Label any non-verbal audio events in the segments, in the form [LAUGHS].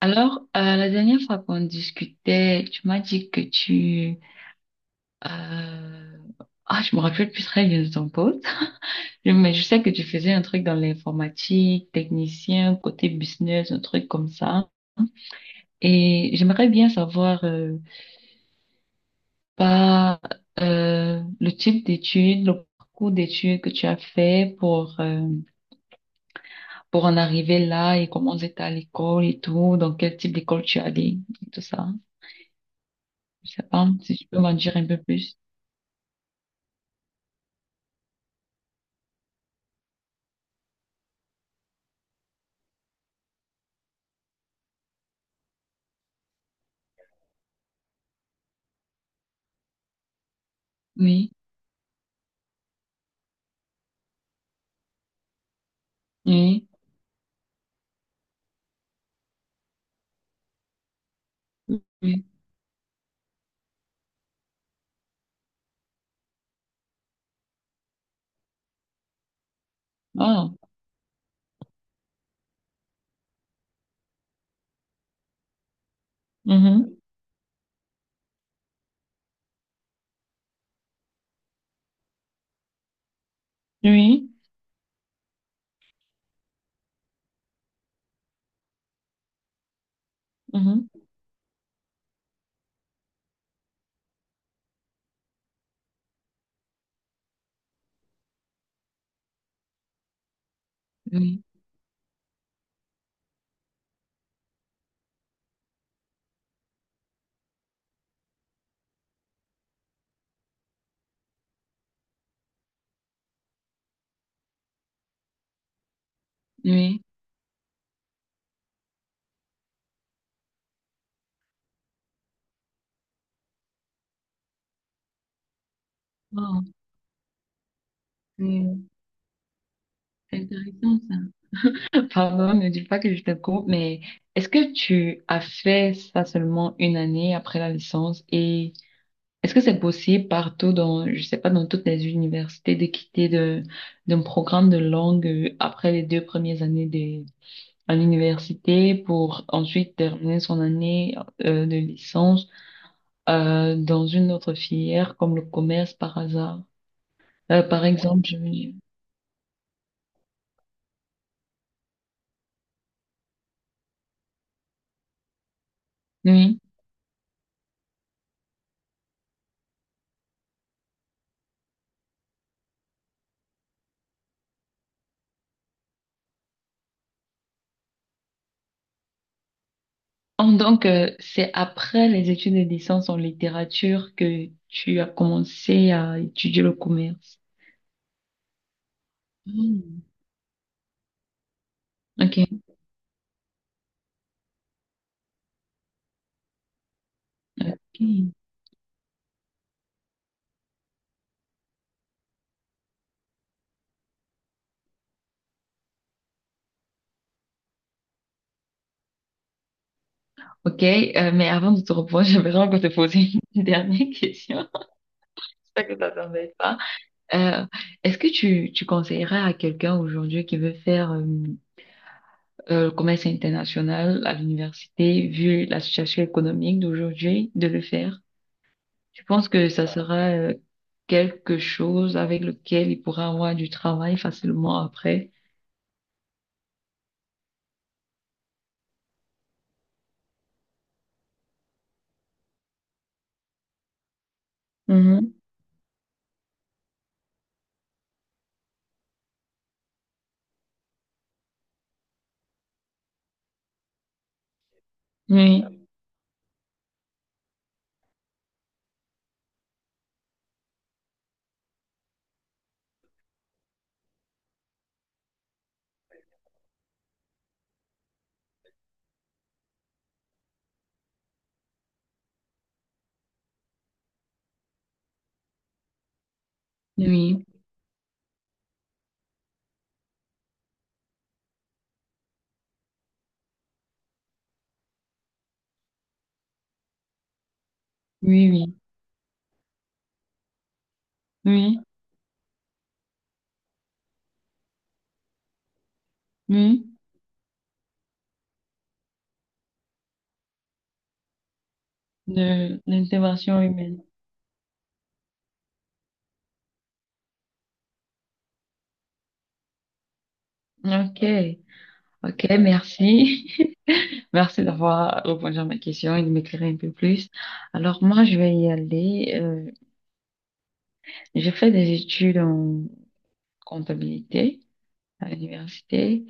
Alors, la dernière fois qu'on discutait, tu m'as dit que tu... euh, Ah, je me rappelle plus très bien de ton poste. [LAUGHS] Mais je sais que tu faisais un truc dans l'informatique, technicien, côté business, un truc comme ça. Et j'aimerais bien savoir, pas le type d'études, le parcours d'études que tu as fait pour en arriver là, et comment c'était à l'école et tout, dans quel type d'école tu es allé et tout ça. Je sais pas si tu peux m'en dire un peu plus. Oui. Oui, oui. Oh, mhm. Oui, mhm. Oui, oui. Oh, c'est c'est intéressant ça. [LAUGHS] Pardon, ne dis pas que je te coupe, mais est-ce que tu as fait ça seulement une année après la licence, et est-ce que c'est possible partout dans, je sais pas, dans toutes les universités de d'un programme de langue, après les deux premières années de, à l'université, pour ensuite terminer son année de licence? Dans une autre filière comme le commerce par hasard. Par exemple, je veux dire. Oui. Donc, c'est après les études de licence en littérature que tu as commencé à étudier le commerce. Hmm. Ok. Ok, Ok, mais avant de te reprendre, [LAUGHS] j'aimerais encore te poser une dernière question. J'espère que ça t'embête pas. Euh, Est-ce que tu conseillerais à quelqu'un aujourd'hui qui veut faire le commerce international à l'université, vu la situation économique d'aujourd'hui, de le faire. Je pense que ça sera quelque chose avec lequel il pourra avoir du travail facilement après. Mhm. Oui, oui, oui, oui, oui, oui, de l'intervention humaine. Ok, ok, merci. [LAUGHS] Merci d'avoir répondu à ma question et de m'éclairer un peu plus. Alors moi, je vais y aller. J'ai fait des études en comptabilité à l'université.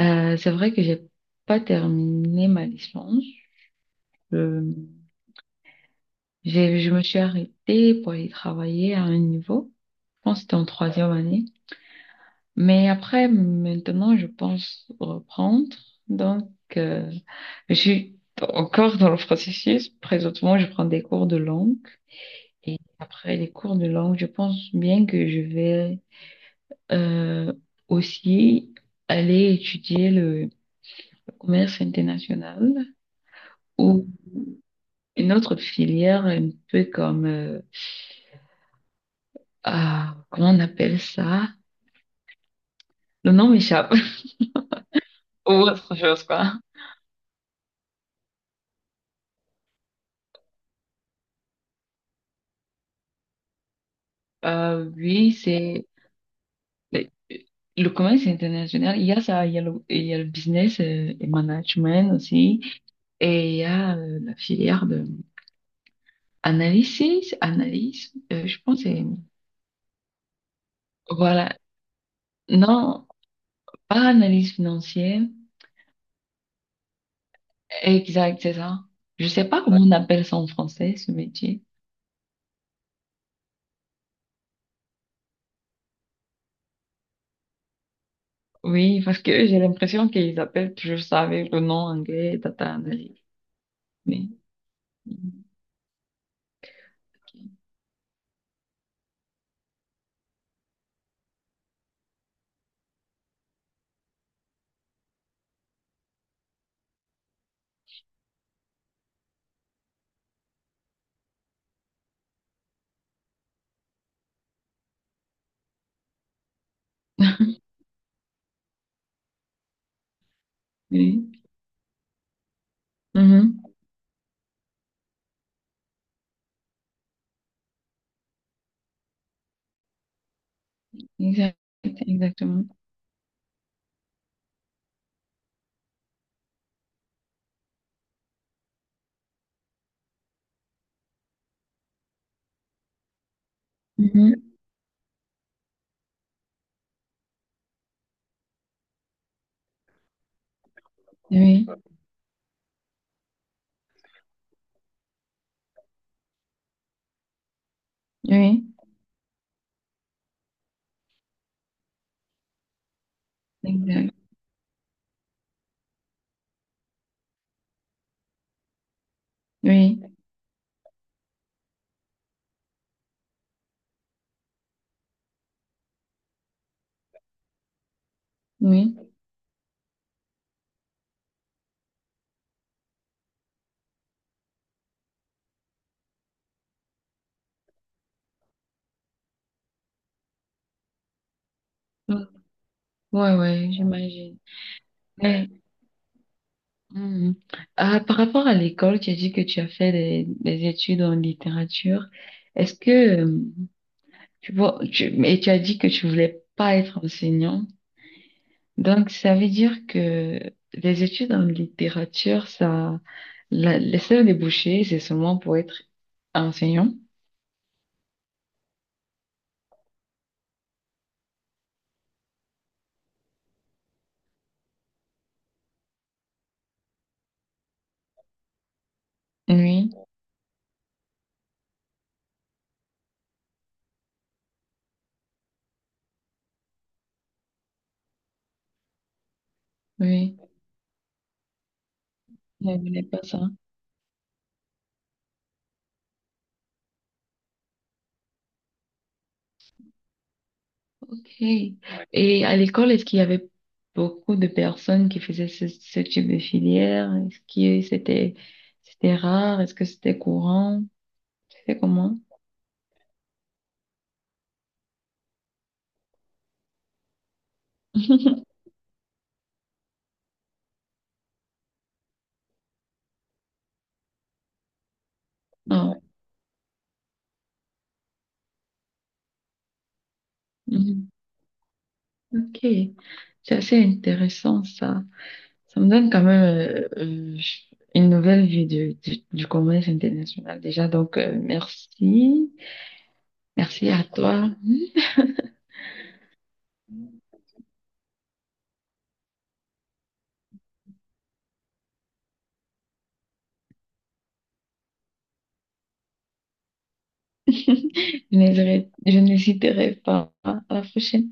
C'est vrai que j'ai pas terminé ma licence. Je, je me suis arrêtée pour aller travailler à un niveau. Je pense que c'était en troisième année. Mais après, maintenant, je pense reprendre. Donc, euh, je suis encore dans le processus. Présentement, je prends des cours de langue. Et après les cours de langue, je pense bien que je vais, euh, aussi, aller étudier le commerce international, ou une autre filière un peu comme, ah, comment on appelle ça? Le nom m'échappe. [LAUGHS] Ou autre chose, quoi. Oui, c'est le, le commerce international. Il y a ça, il y a le, il y a le business et management aussi. Et il y a la filière de analysis, analyse, je pense. Voilà. Non, pas analyse financière. Exact, c'est ça. Je sais pas comment on appelle ça en français, ce métier. Oui, parce que j'ai l'impression qu'ils appellent toujours ça avec le nom anglais, data analyst. Mais, [LAUGHS] oui. Mhm. Exact, exactement. Mhm. Oui, oui, exact. Oui, oui. Ouais, ouais, j'imagine. Mais, mhm. Ah, par rapport à l'école, tu as dit que tu as fait des études en littérature. Est-ce que, euh, tu vois, et tu as dit que tu voulais pas être enseignant. Donc, ça veut dire que les études en littérature, ça, la, les seuls débouchés, c'est seulement pour être enseignant. Oui, oui, je ne voulais pas ça. Ok. Et à l'école, est-ce qu'il y avait beaucoup de personnes qui faisaient ce type de filière? Est-ce que c'était, c'était rare? Est-ce que c'était courant? C'était comment? [LAUGHS] Ah, mhm. Ok. C'est assez intéressant, ça. Ça me donne quand même une nouvelle vue du commerce international déjà. Donc, merci. Merci à toi. Je n'hésiterai pas. À la prochaine.